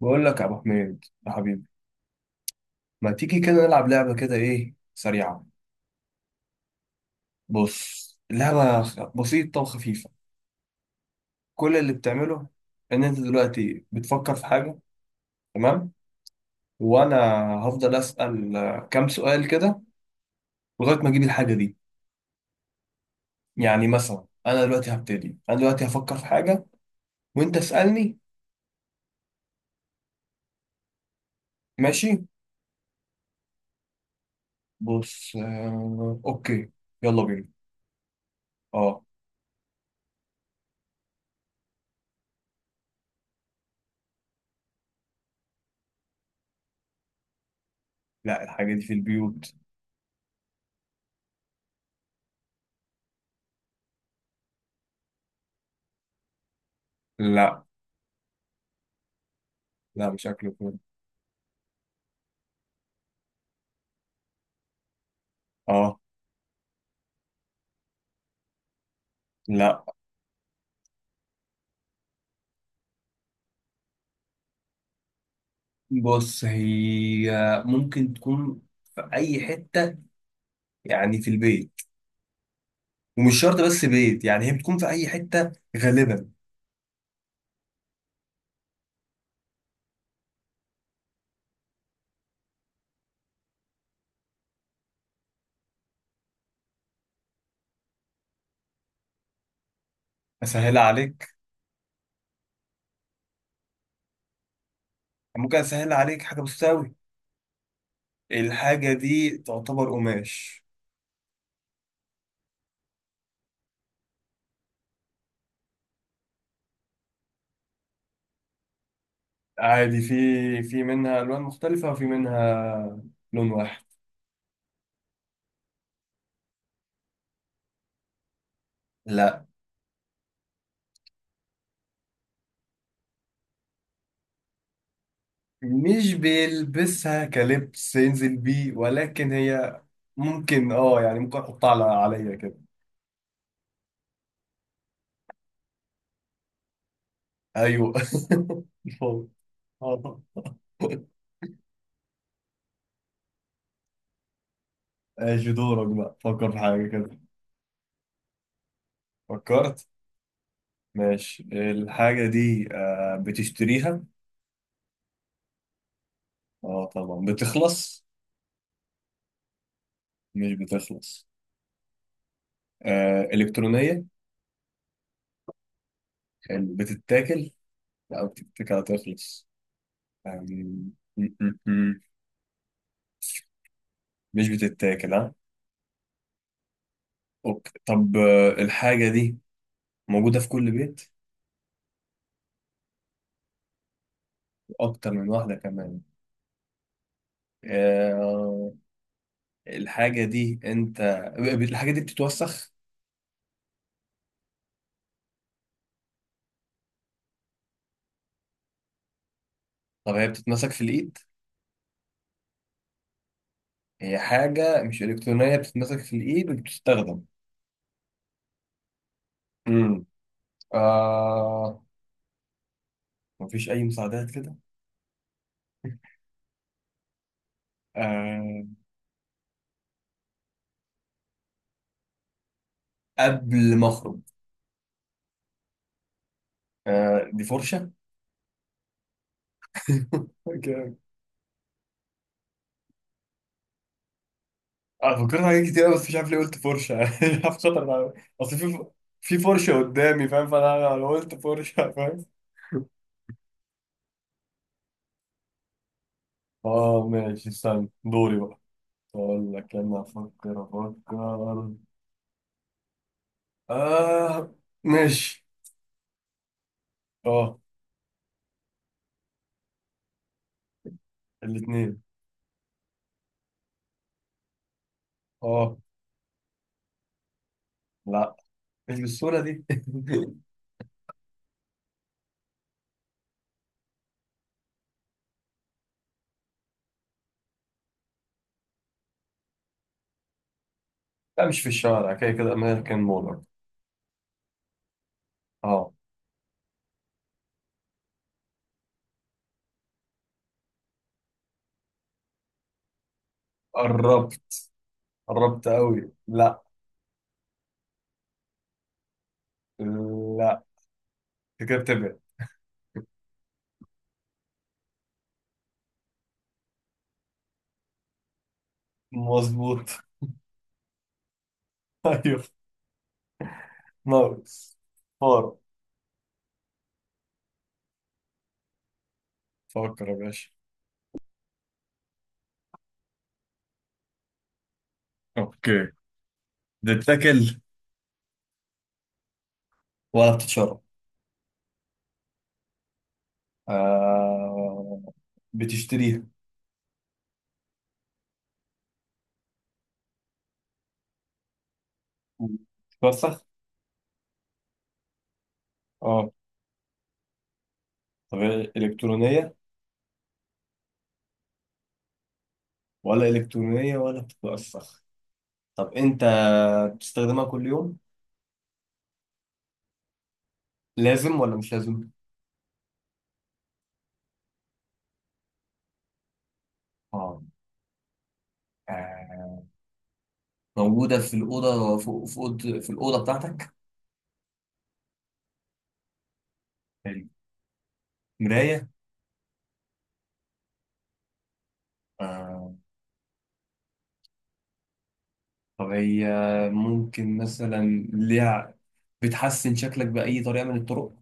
بقول لك يا ابو حميد يا حبيبي، ما تيجي كده نلعب لعبه كده ايه سريعه. بص اللعبه بسيطه وخفيفه. كل اللي بتعمله ان انت دلوقتي بتفكر في حاجه، تمام؟ وانا هفضل اسال كام سؤال كده لغايه ما اجيب الحاجه دي. يعني مثلا انا دلوقتي هبتدي، انا دلوقتي هفكر في حاجه وانت اسالني. ماشي. بص، آه، اوكي. يلا بينا. اه. لا، الحاجه دي في البيوت. لا، لا مش اكل وكده. اه. لا، بص هي ممكن تكون في أي حتة، يعني في البيت. ومش شرط بس بيت، يعني هي بتكون في أي حتة غالبا. أسهلها عليك، ممكن أسهلها عليك حاجة بسيطة أوي. الحاجة دي تعتبر قماش. عادي، في في منها ألوان مختلفة وفي منها لون واحد. لا، مش بيلبسها كلبس ينزل بيه، ولكن هي ممكن، اه يعني ممكن أحطها على عليا كده. أيوه. الفوط. آه. ماشي، دورك بقى، فكر في حاجة كده. فكرت. ماشي، الحاجة دي آه بتشتريها. اه طبعا بتخلص. مش بتخلص. آه إلكترونية. حلو. بتتاكل. لا بتتاكل هتخلص يعني. م- م- م. مش بتتاكل ها. أوكي. طب آه الحاجة دي موجودة في كل بيت. أكتر من واحدة كمان. آه الحاجة دي أنت، الحاجة دي بتتوسخ. طب هي بتتمسك في الإيد. هي حاجة مش إلكترونية بتتمسك في الإيد وبتستخدم. امم آه مفيش أي مساعدات كده. آه قبل ما أخرج. آه دي فرشة. أوكي. أنا فكرت في حاجات كتير أوي بس مش عارف ليه قلت فرشة. مش عارف، خطر أصل في في فرشة قدامي فاهم، فأنا قلت فرشة فاهم. آه ماشي، استنى دوري بقى. أقول لك أنا أفكر أفكر. آه. ماشي. آه الاتنين. آه. لا مش بالسهولة دي. لا مش في الشارع، كده كده أمريكان مولر. اه قربت. قربت أوي لا. لا أنت كده بتبعد. مظبوط. أيوه ماوس. فار. فكر يا باشا. اوكي. بتتاكل ولا بتتشرب؟ آه بتشتريها. بتتوسخ. اه طب هي إلكترونية ولا إلكترونية ولا بتتوسخ؟ طب أنت بتستخدمها كل يوم؟ لازم ولا مش لازم؟ اه موجودة في الأوضة، فوق في أوضة، في الأوضة بتاعتك. حلو. مراية. آه. طب هي ممكن مثلا ليها، بتحسن شكلك بأي طريقة من الطرق؟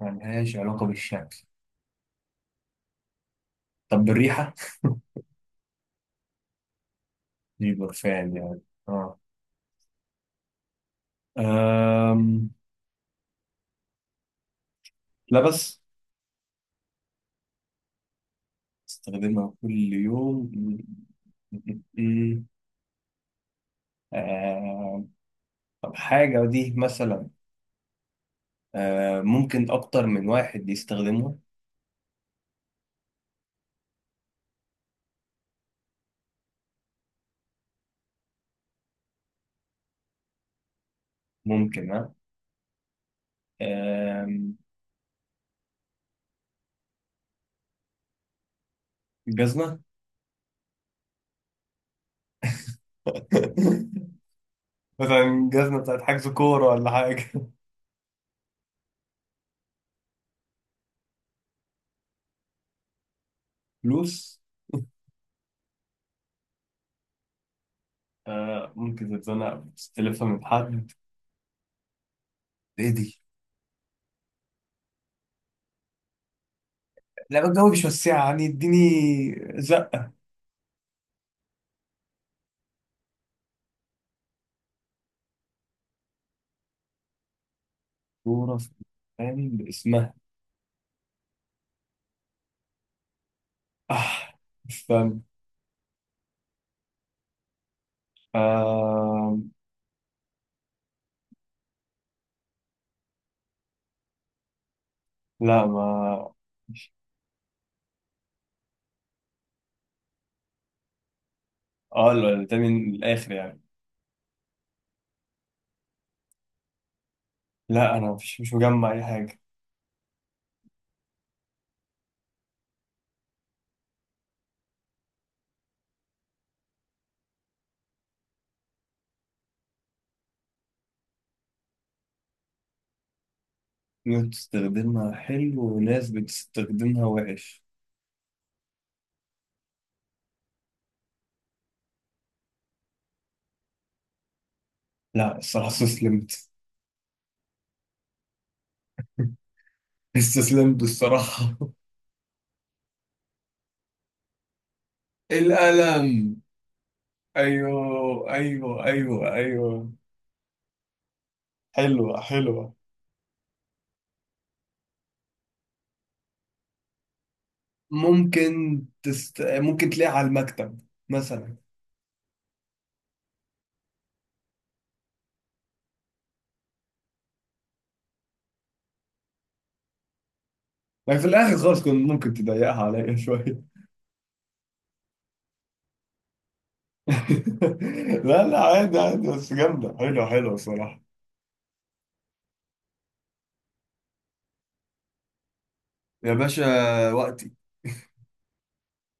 ملهاش علاقة بالشكل. طب بالريحة؟ دي برفان يعني. اه. أم... لبس. استخدمها كل يوم. آه. طب حاجة دي مثلا آه ممكن أكتر من واحد يستخدمها. ممكن ها. آم، جزمة. مثلا جزمة بتاعت حجز كورة ولا حاجة. فلوس. آه ممكن تتزنق تلفها من حد. ايه دي؟ لا الجو مش وسعة يعني، اديني زقة. كورة في يعني باسمها. آه استنى. آه. لا ما، مش، اه ده من الآخر يعني. لا أنا مش مجمع أي حاجة. ناس بتستخدمها حلو وناس بتستخدمها وحش. لا الصراحة استسلمت. استسلمت الصراحة. القلم. ايوه ايوه ايوه ايوه، حلوه حلوه. ممكن تست... ممكن تلاقيها على المكتب مثلا. لكن في الاخر خالص كنت ممكن تضيقها عليا شويه. لا لا، عادي عادي، بس جامده، حلوه حلوه الصراحه. يا باشا، وقتي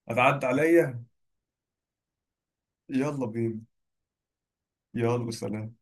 هتعدي عليا. يلا بينا. يلا سلام.